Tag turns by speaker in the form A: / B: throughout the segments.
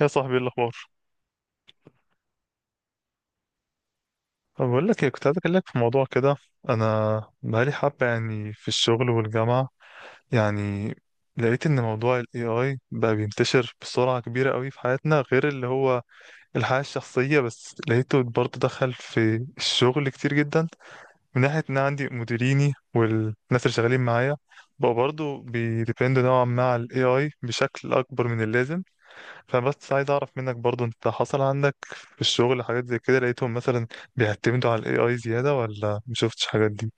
A: يا صاحبي، إيه الاخبار؟ طب، بقول لك إيه، كنت عايز اكلمك في موضوع كده. انا بقالي حبه، يعني، في الشغل والجامعه. يعني لقيت ان موضوع الاي اي بقى بينتشر بسرعه كبيره قوي في حياتنا، غير اللي هو الحياه الشخصيه، بس لقيته برضه دخل في الشغل كتير جدا من ناحيه ان أنا عندي مديريني والناس اللي شغالين معايا بقوا برضه بيديبندوا نوعا ما على الاي اي بشكل اكبر من اللازم. فبس عايز اعرف منك برضو، انت حصل عندك في الشغل حاجات زي كده؟ لقيتهم مثلا بيعتمدوا على الاي اي زيادة ولا مشوفتش حاجات دي؟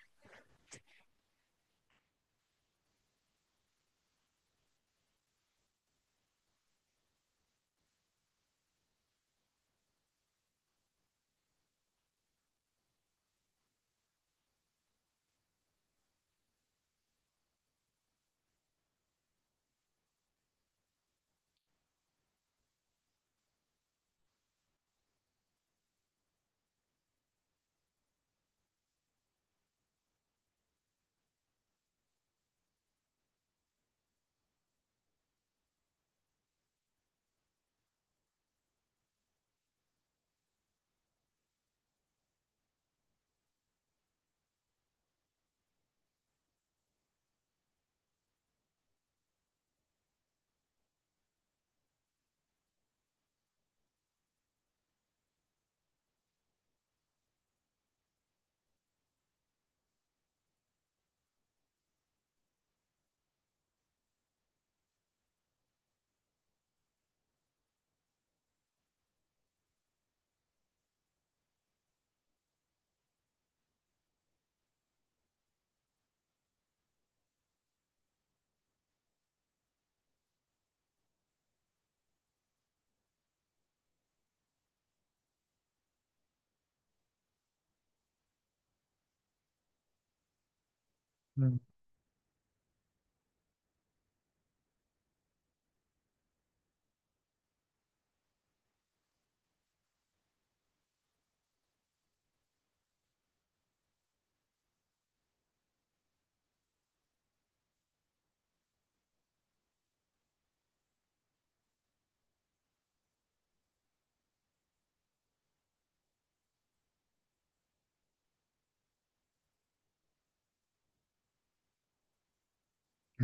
A: مم.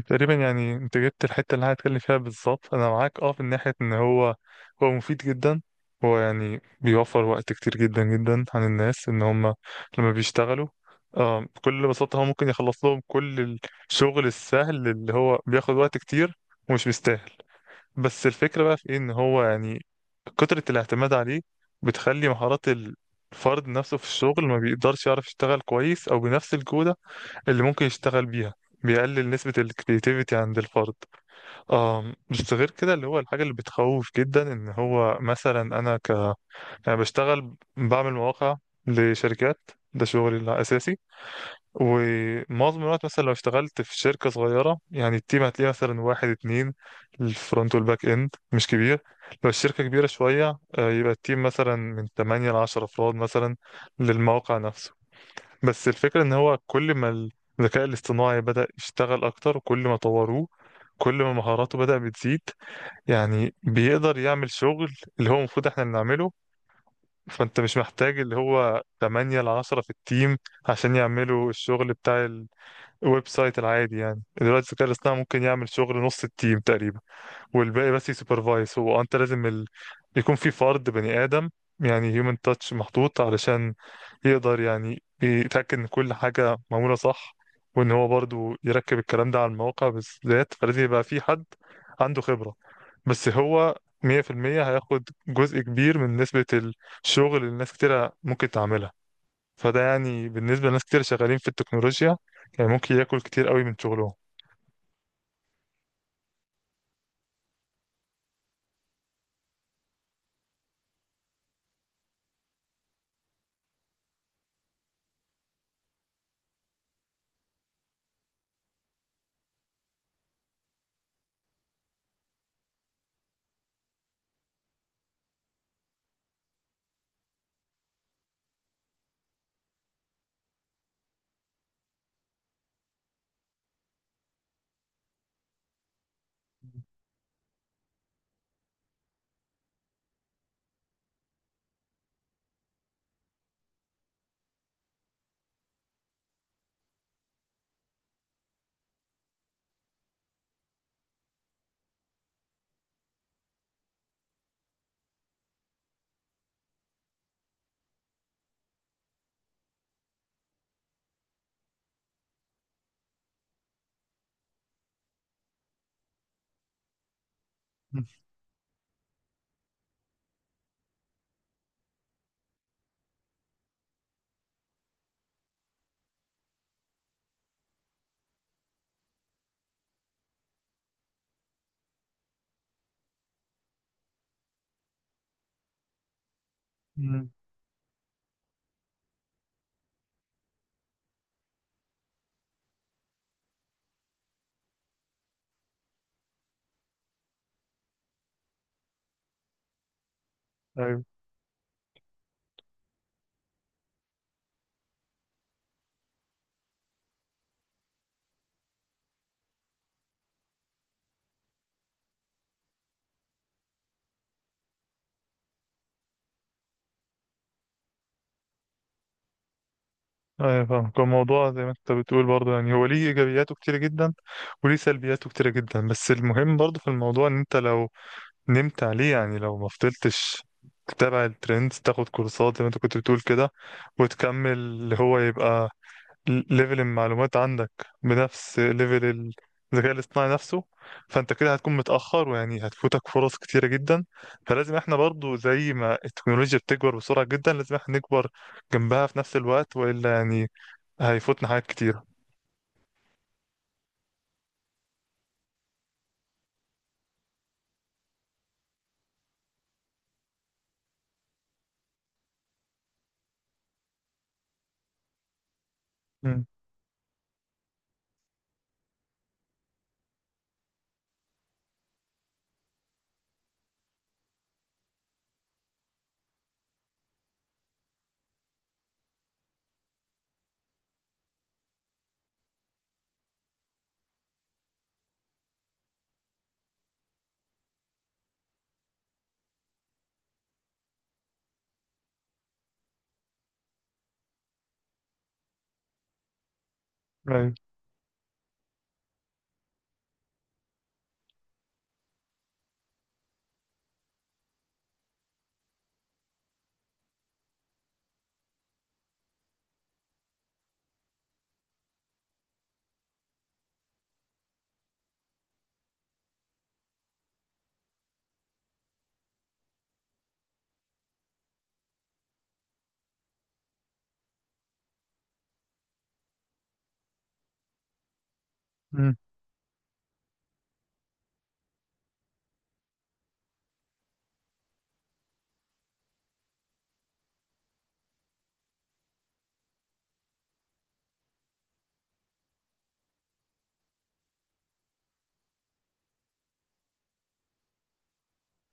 A: تقريبا يعني انت جبت الحتة اللي أنا هتكلم فيها بالظبط. انا معاك في ناحية ان هو مفيد جدا. هو يعني بيوفر وقت كتير جدا جدا عن الناس ان هم لما بيشتغلوا. بكل بساطة هو ممكن يخلص لهم كل الشغل السهل اللي هو بياخد وقت كتير ومش مستاهل. بس الفكرة بقى في إيه؟ إن هو يعني كترة الاعتماد عليه بتخلي مهارات الفرد نفسه في الشغل ما بيقدرش يعرف يشتغل كويس أو بنفس الجودة اللي ممكن يشتغل بيها. بيقلل نسبة الكرياتيفيتي عند الفرد. بس غير كده، اللي هو الحاجة اللي بتخوف جدا إن هو مثلا أنا ك، يعني بشتغل بعمل مواقع لشركات، ده شغلي الأساسي. ومعظم الوقت مثلا لو اشتغلت في شركة صغيرة يعني التيم هتلاقيه مثلا واحد اتنين، الفرونت والباك اند مش كبير. لو الشركة كبيرة شوية يبقى التيم مثلا من 8 ل 10 أفراد مثلا للموقع نفسه. بس الفكرة إن هو كل ما الذكاء الاصطناعي بدأ يشتغل أكتر وكل ما طوروه كل ما مهاراته بدأ بتزيد، يعني بيقدر يعمل شغل اللي هو المفروض احنا اللي نعمله. فانت مش محتاج اللي هو 8 ل 10 في التيم عشان يعملوا الشغل بتاع ويب سايت العادي. يعني دلوقتي الذكاء الاصطناعي ممكن يعمل شغل نص التيم تقريبا والباقي بس يسوبرفايز. هو انت لازم ال... يكون في فرد بني ادم، يعني هيومن تاتش محطوط علشان يقدر يعني يتاكد ان كل حاجه معموله صح، وان هو برضو يركب الكلام ده على المواقع بالذات، فلازم يبقى في حد عنده خبره. بس هو 100% هياخد جزء كبير من نسبه الشغل اللي الناس كتيره ممكن تعملها. فده يعني بالنسبة لناس كتير شغالين في التكنولوجيا يعني ممكن ياكل كتير قوي من شغلهم. مم. مم. ايوه. ايوه فاهم، كان الموضوع زي ما انت بتقول برضه، يعني هو ليه ايجابياته كتيره جدا وليه سلبياته كتيره جدا. بس المهم برضه في الموضوع ان انت لو نمت عليه، يعني لو ما فضلتش تتابع الترندز، تاخد كورسات زي ما انت كنت بتقول كده، وتكمل اللي هو يبقى ليفل المعلومات عندك بنفس ليفل ال- الذكاء الاصطناعي نفسه، فانت كده هتكون متأخر ويعني هتفوتك فرص كتيرة جدا. فلازم احنا برضو زي ما التكنولوجيا بتكبر بسرعة جدا لازم احنا نكبر جنبها في نفس الوقت، وإلا يعني هيفوتنا حاجات كتيرة. مم. أيوة.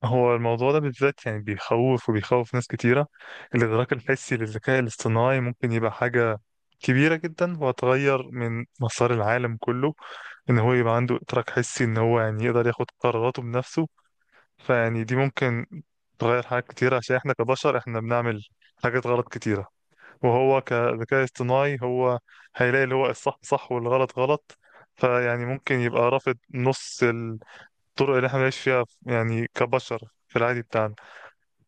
A: هو الموضوع ده بالذات يعني بيخوف وبيخوف ناس كتيرة. الإدراك الحسي للذكاء الاصطناعي ممكن يبقى حاجة كبيرة جدا وهتغير من مسار العالم كله. إن هو يبقى عنده إدراك حسي، إن هو يعني يقدر ياخد قراراته بنفسه، فيعني دي ممكن تغير حاجات كتيرة عشان إحنا كبشر إحنا بنعمل حاجات غلط كتيرة، وهو كذكاء اصطناعي هو هيلاقي اللي هو الصح صح والغلط غلط. فيعني ممكن يبقى رافض نص الطرق اللي إحنا بنعيش فيها يعني كبشر في العادي بتاعنا.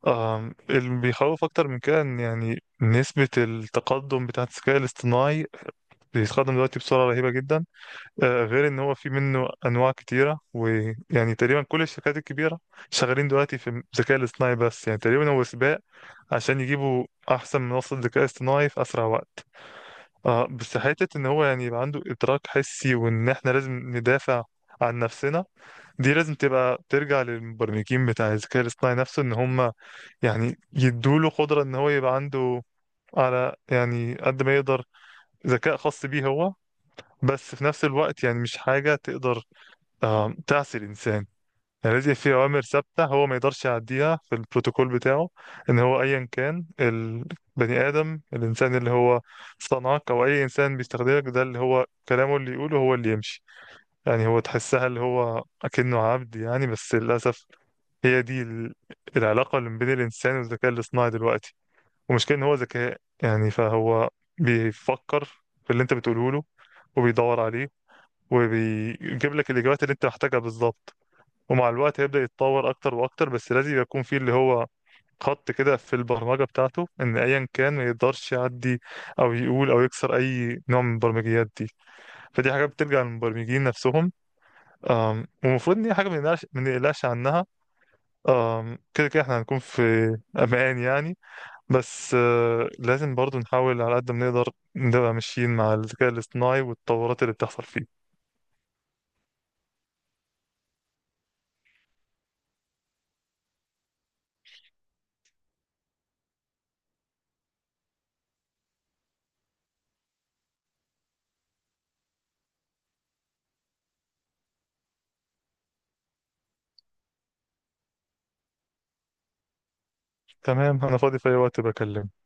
A: اللي بيخوف أكتر من كده إن يعني نسبة التقدم بتاعة الذكاء الاصطناعي بيتقدم دلوقتي بسرعة رهيبة جدا. غير إن هو في منه أنواع كتيرة، ويعني تقريبا كل الشركات الكبيرة شغالين دلوقتي في الذكاء الاصطناعي، بس يعني تقريبا هو سباق عشان يجيبوا أحسن منصة ذكاء اصطناعي في أسرع وقت. بس حتة إن هو يعني يبقى عنده إدراك حسي وإن إحنا لازم ندافع عن نفسنا، دي لازم تبقى ترجع للمبرمجين بتاع الذكاء الاصطناعي نفسه. ان هم يعني يدوله قدرة ان هو يبقى عنده، على يعني قد ما يقدر، ذكاء خاص بيه هو، بس في نفس الوقت يعني مش حاجة تقدر تعصي الانسان. يعني لازم في اوامر ثابتة هو ما يقدرش يعديها في البروتوكول بتاعه. ان هو ايا كان البني ادم الانسان اللي هو صنعك او اي انسان بيستخدمك، ده اللي هو كلامه اللي يقوله هو اللي يمشي. يعني هو تحسها اللي هو اكنه عبد، يعني بس للاسف هي دي ال- العلاقة اللي بين الإنسان والذكاء الاصطناعي دلوقتي. ومشكلة إن هو ذكاء يعني فهو بيفكر في اللي أنت بتقوله له وبيدور عليه وبيجيب لك الإجابات اللي أنت محتاجها بالظبط. ومع الوقت هيبدأ يتطور أكتر وأكتر، بس لازم يكون فيه اللي هو خط كده في البرمجة بتاعته إن أيا كان ما يقدرش يعدي أو يقول أو يكسر أي نوع من البرمجيات دي. فدي حاجات بترجع للمبرمجين نفسهم. ومفروض إن هي حاجة ما نقلقش عنها. كده كده احنا هنكون في امان يعني. بس لازم برضو نحاول على قد ما نقدر نبقى ماشيين مع الذكاء الاصطناعي والتطورات اللي بتحصل فيه. تمام، انا فاضي في اي وقت، بكلمك.